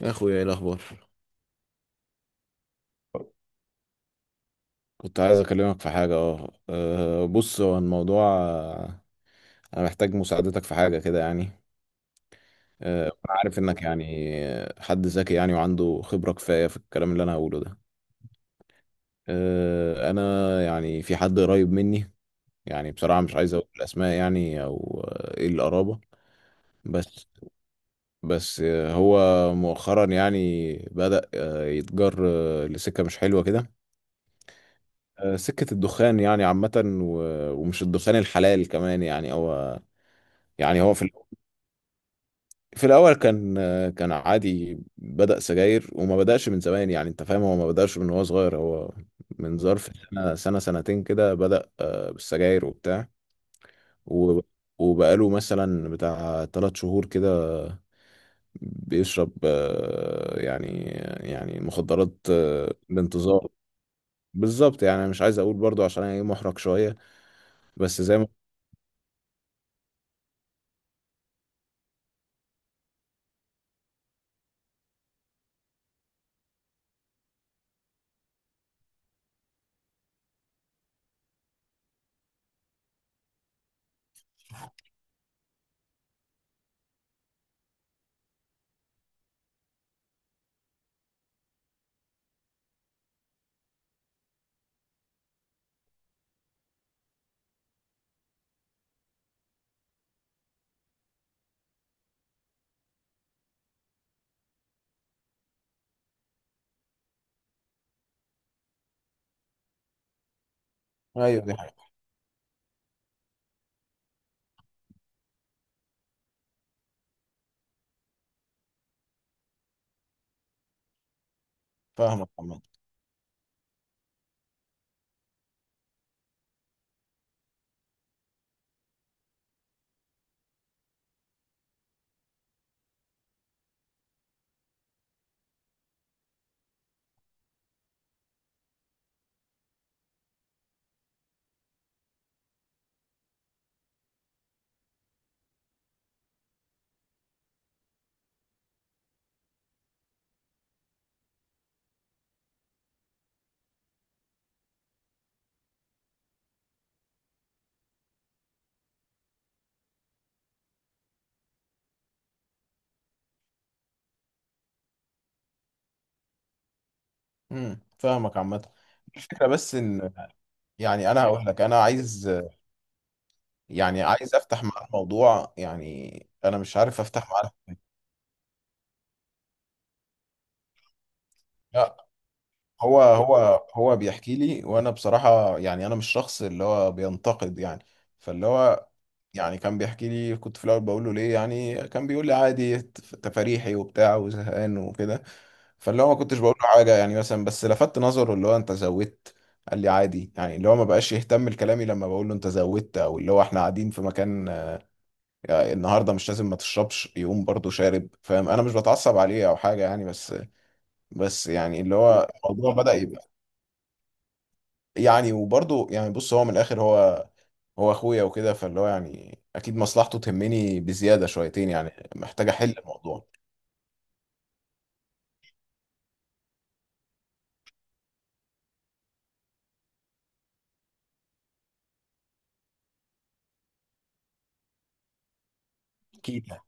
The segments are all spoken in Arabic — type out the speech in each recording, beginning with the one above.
يا اخويا ايه الاخبار. كنت عايز اكلمك في حاجه بص هو الموضوع انا محتاج مساعدتك في حاجه كده يعني. انا عارف انك يعني حد ذكي يعني وعنده خبره كفايه في الكلام اللي انا هقوله ده. انا يعني في حد قريب مني، يعني بصراحه مش عايز اقول الاسماء يعني او ايه القرابه. بس بس هو مؤخرا يعني بدأ يتجر آه، لسكه مش حلوه كده. سكة الدخان يعني عامة، و- ومش الدخان الحلال كمان يعني هو. يعني هو في الأول- في الأول كان كان عادي، بدأ سجاير وما بدأش من زمان، يعني أنت فاهم، هو ما بدأش من وهو صغير. هو من ظرف سنة سنة سنتين كده بدأ بالسجاير وبتاع، و- وبقاله مثلا بتاع تلات شهور كده بيشرب يعني، يعني مخدرات بانتظار. بالظبط، يعني أنا مش عايز أقول برضو عشان أنا إيه، محرج شوية. بس زي ما. ايوه دي حقيقة. فاهمك. فاهمك عامة. الفكرة بس ان، يعني انا هقول لك، انا عايز يعني عايز افتح معاه الموضوع يعني. انا مش عارف افتح معاه. لا، هو بيحكي لي، وانا بصراحة يعني انا مش شخص اللي هو بينتقد يعني. فاللي هو يعني كان بيحكي لي، كنت في الاول بقول له ليه يعني، كان بيقول لي عادي، تفاريحي وبتاع وزهقان وكده. فاللي هو ما كنتش بقول له حاجة يعني مثلا، بس لفت نظره اللي هو انت زودت. قال لي عادي، يعني اللي هو ما بقاش يهتم لكلامي لما بقول له انت زودت، او اللي هو احنا قاعدين في مكان النهارده مش لازم ما تشربش، يقوم برضه شارب. فاهم، انا مش بتعصب عليه او حاجة يعني، بس يعني اللي هو الموضوع بدأ يبقى، يعني وبرضه يعني. بص هو من الاخر، هو اخويا وكده، فاللي هو يعني اكيد مصلحته تهمني بزياده شويتين، يعني محتاج احل الموضوع. اكيد يعني.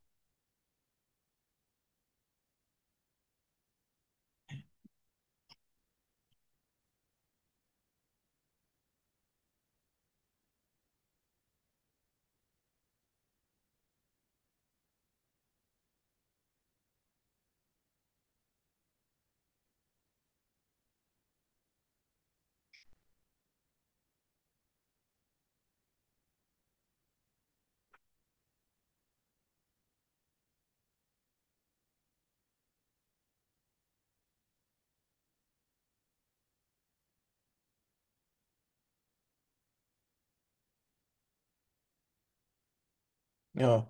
اه،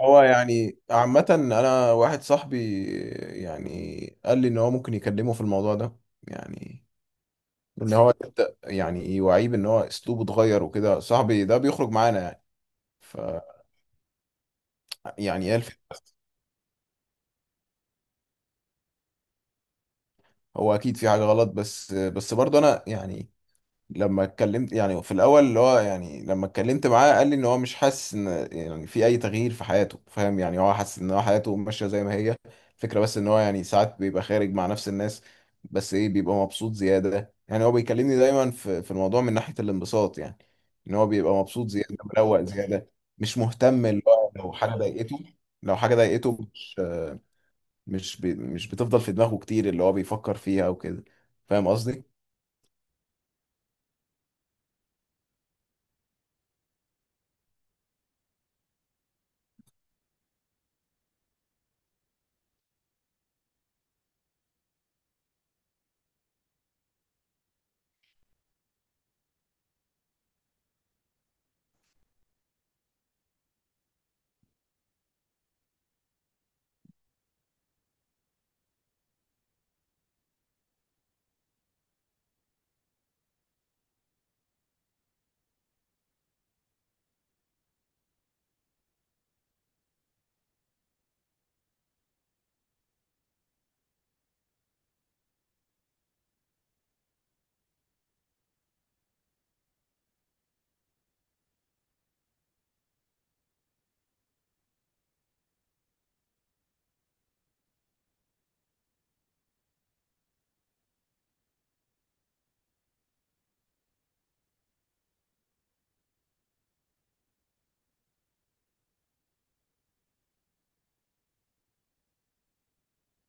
هو يعني عامة أنا واحد صاحبي يعني قال لي إن هو ممكن يكلمه في الموضوع ده، يعني إن هو يبدأ يعني يوعيه بإن هو أسلوبه اتغير وكده. صاحبي ده بيخرج معانا يعني. ف يعني إيه الفكرة؟ هو أكيد في حاجة غلط، بس برضه أنا يعني لما اتكلمت، يعني في الاول اللي هو يعني لما اتكلمت معاه قال لي ان هو مش حاسس ان يعني في اي تغيير في حياته. فاهم يعني هو حاسس ان هو حياته ماشيه زي ما هي. الفكره بس ان هو يعني ساعات بيبقى خارج مع نفس الناس، بس ايه، بيبقى مبسوط زياده. يعني هو بيكلمني دايما في الموضوع من ناحيه الانبساط يعني، ان هو بيبقى مبسوط زياده، مروق زياده، مش مهتم اللي هو لو حاجه ضايقته. لو حاجه ضايقته مش بتفضل في دماغه كتير اللي هو بيفكر فيها وكده. فاهم قصدي.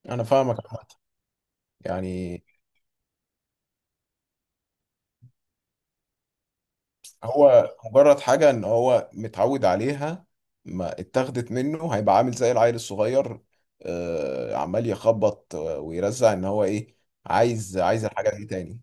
انا فاهمك عامة. يعني هو مجرد حاجة ان هو متعود عليها، ما اتاخدت منه هيبقى عامل زي العيل الصغير، عمال يخبط ويرزع ان هو ايه، عايز الحاجة دي تاني.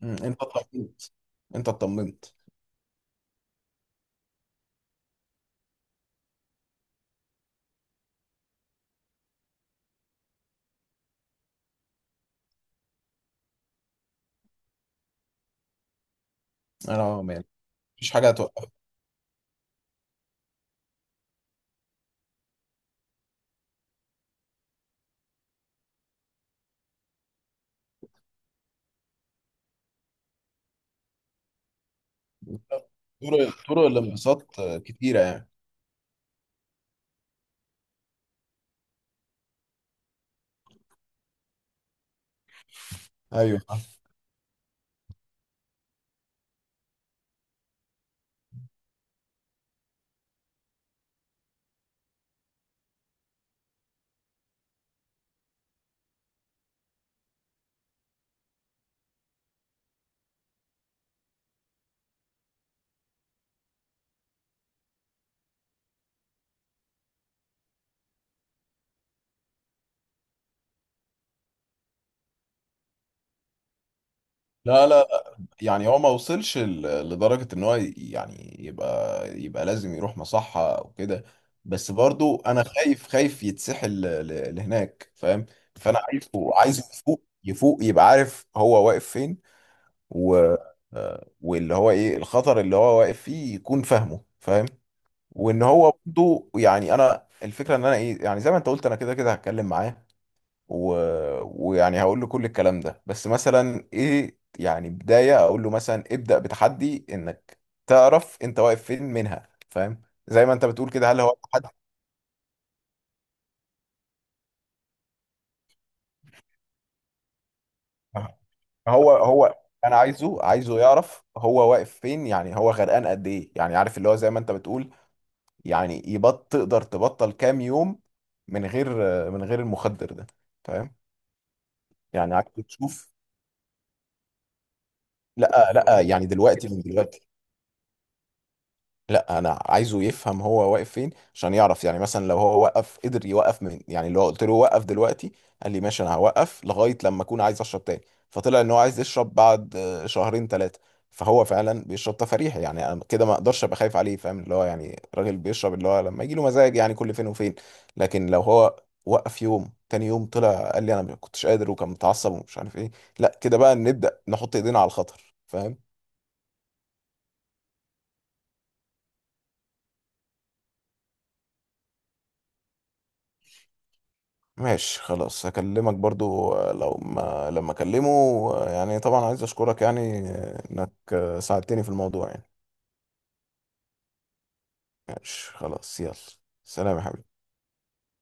انت اطمنت، انت اطمنت. انا مان مفيش حاجة هتوقفك. طرق الانبساط كتيرة يعني. ايوه. لا لا، يعني هو ما وصلش لدرجة ان هو يعني يبقى لازم يروح مصحة او كده، بس برضو انا خايف، خايف يتسحل لهناك فاهم. فانا عايزه يفوق، يبقى عارف هو واقف فين، و واللي هو ايه الخطر اللي هو واقف فيه، يكون فاهمه فاهم. وان هو برضو يعني انا الفكرة ان انا ايه، يعني زي ما انت قلت، انا كده كده هتكلم معاه و... ويعني هقول له كل الكلام ده، بس مثلا ايه، يعني بداية اقول له مثلا ابدأ بتحدي انك تعرف انت واقف فين منها، فاهم. زي ما انت بتقول كده، هل هو تحدي. هو هو انا عايزه، عايزه يعرف هو واقف فين، يعني هو غرقان قد ايه، يعني عارف اللي هو زي ما انت بتقول، يعني يبط تقدر تبطل كام يوم من غير، من غير المخدر ده، فاهم. يعني عايز تشوف. لا لا، يعني دلوقتي، من دلوقتي، لا انا عايزه يفهم هو واقف فين عشان يعرف. يعني مثلا لو هو وقف، قدر يوقف من، يعني لو قلت له وقف دلوقتي قال لي ماشي انا هوقف لغايه لما اكون عايز اشرب تاني، فطلع ان هو عايز يشرب بعد شهرين ثلاثه، فهو فعلا بيشرب تفاريح. يعني انا كده ما اقدرش ابقى خايف عليه، فاهم، اللي هو يعني راجل بيشرب اللي هو لما يجي له مزاج، يعني كل فين وفين. لكن لو هو وقف يوم، تاني يوم طلع قال لي انا ما كنتش قادر وكان متعصب ومش عارف ايه، لا كده بقى نبدا نحط ايدينا على الخطر فاهم. ماشي خلاص، هكلمك برضو لو ما لما اكلمه. يعني طبعا عايز اشكرك يعني انك ساعدتني في الموضوع يعني. ماشي خلاص، يلا. سلام يا حبيبي.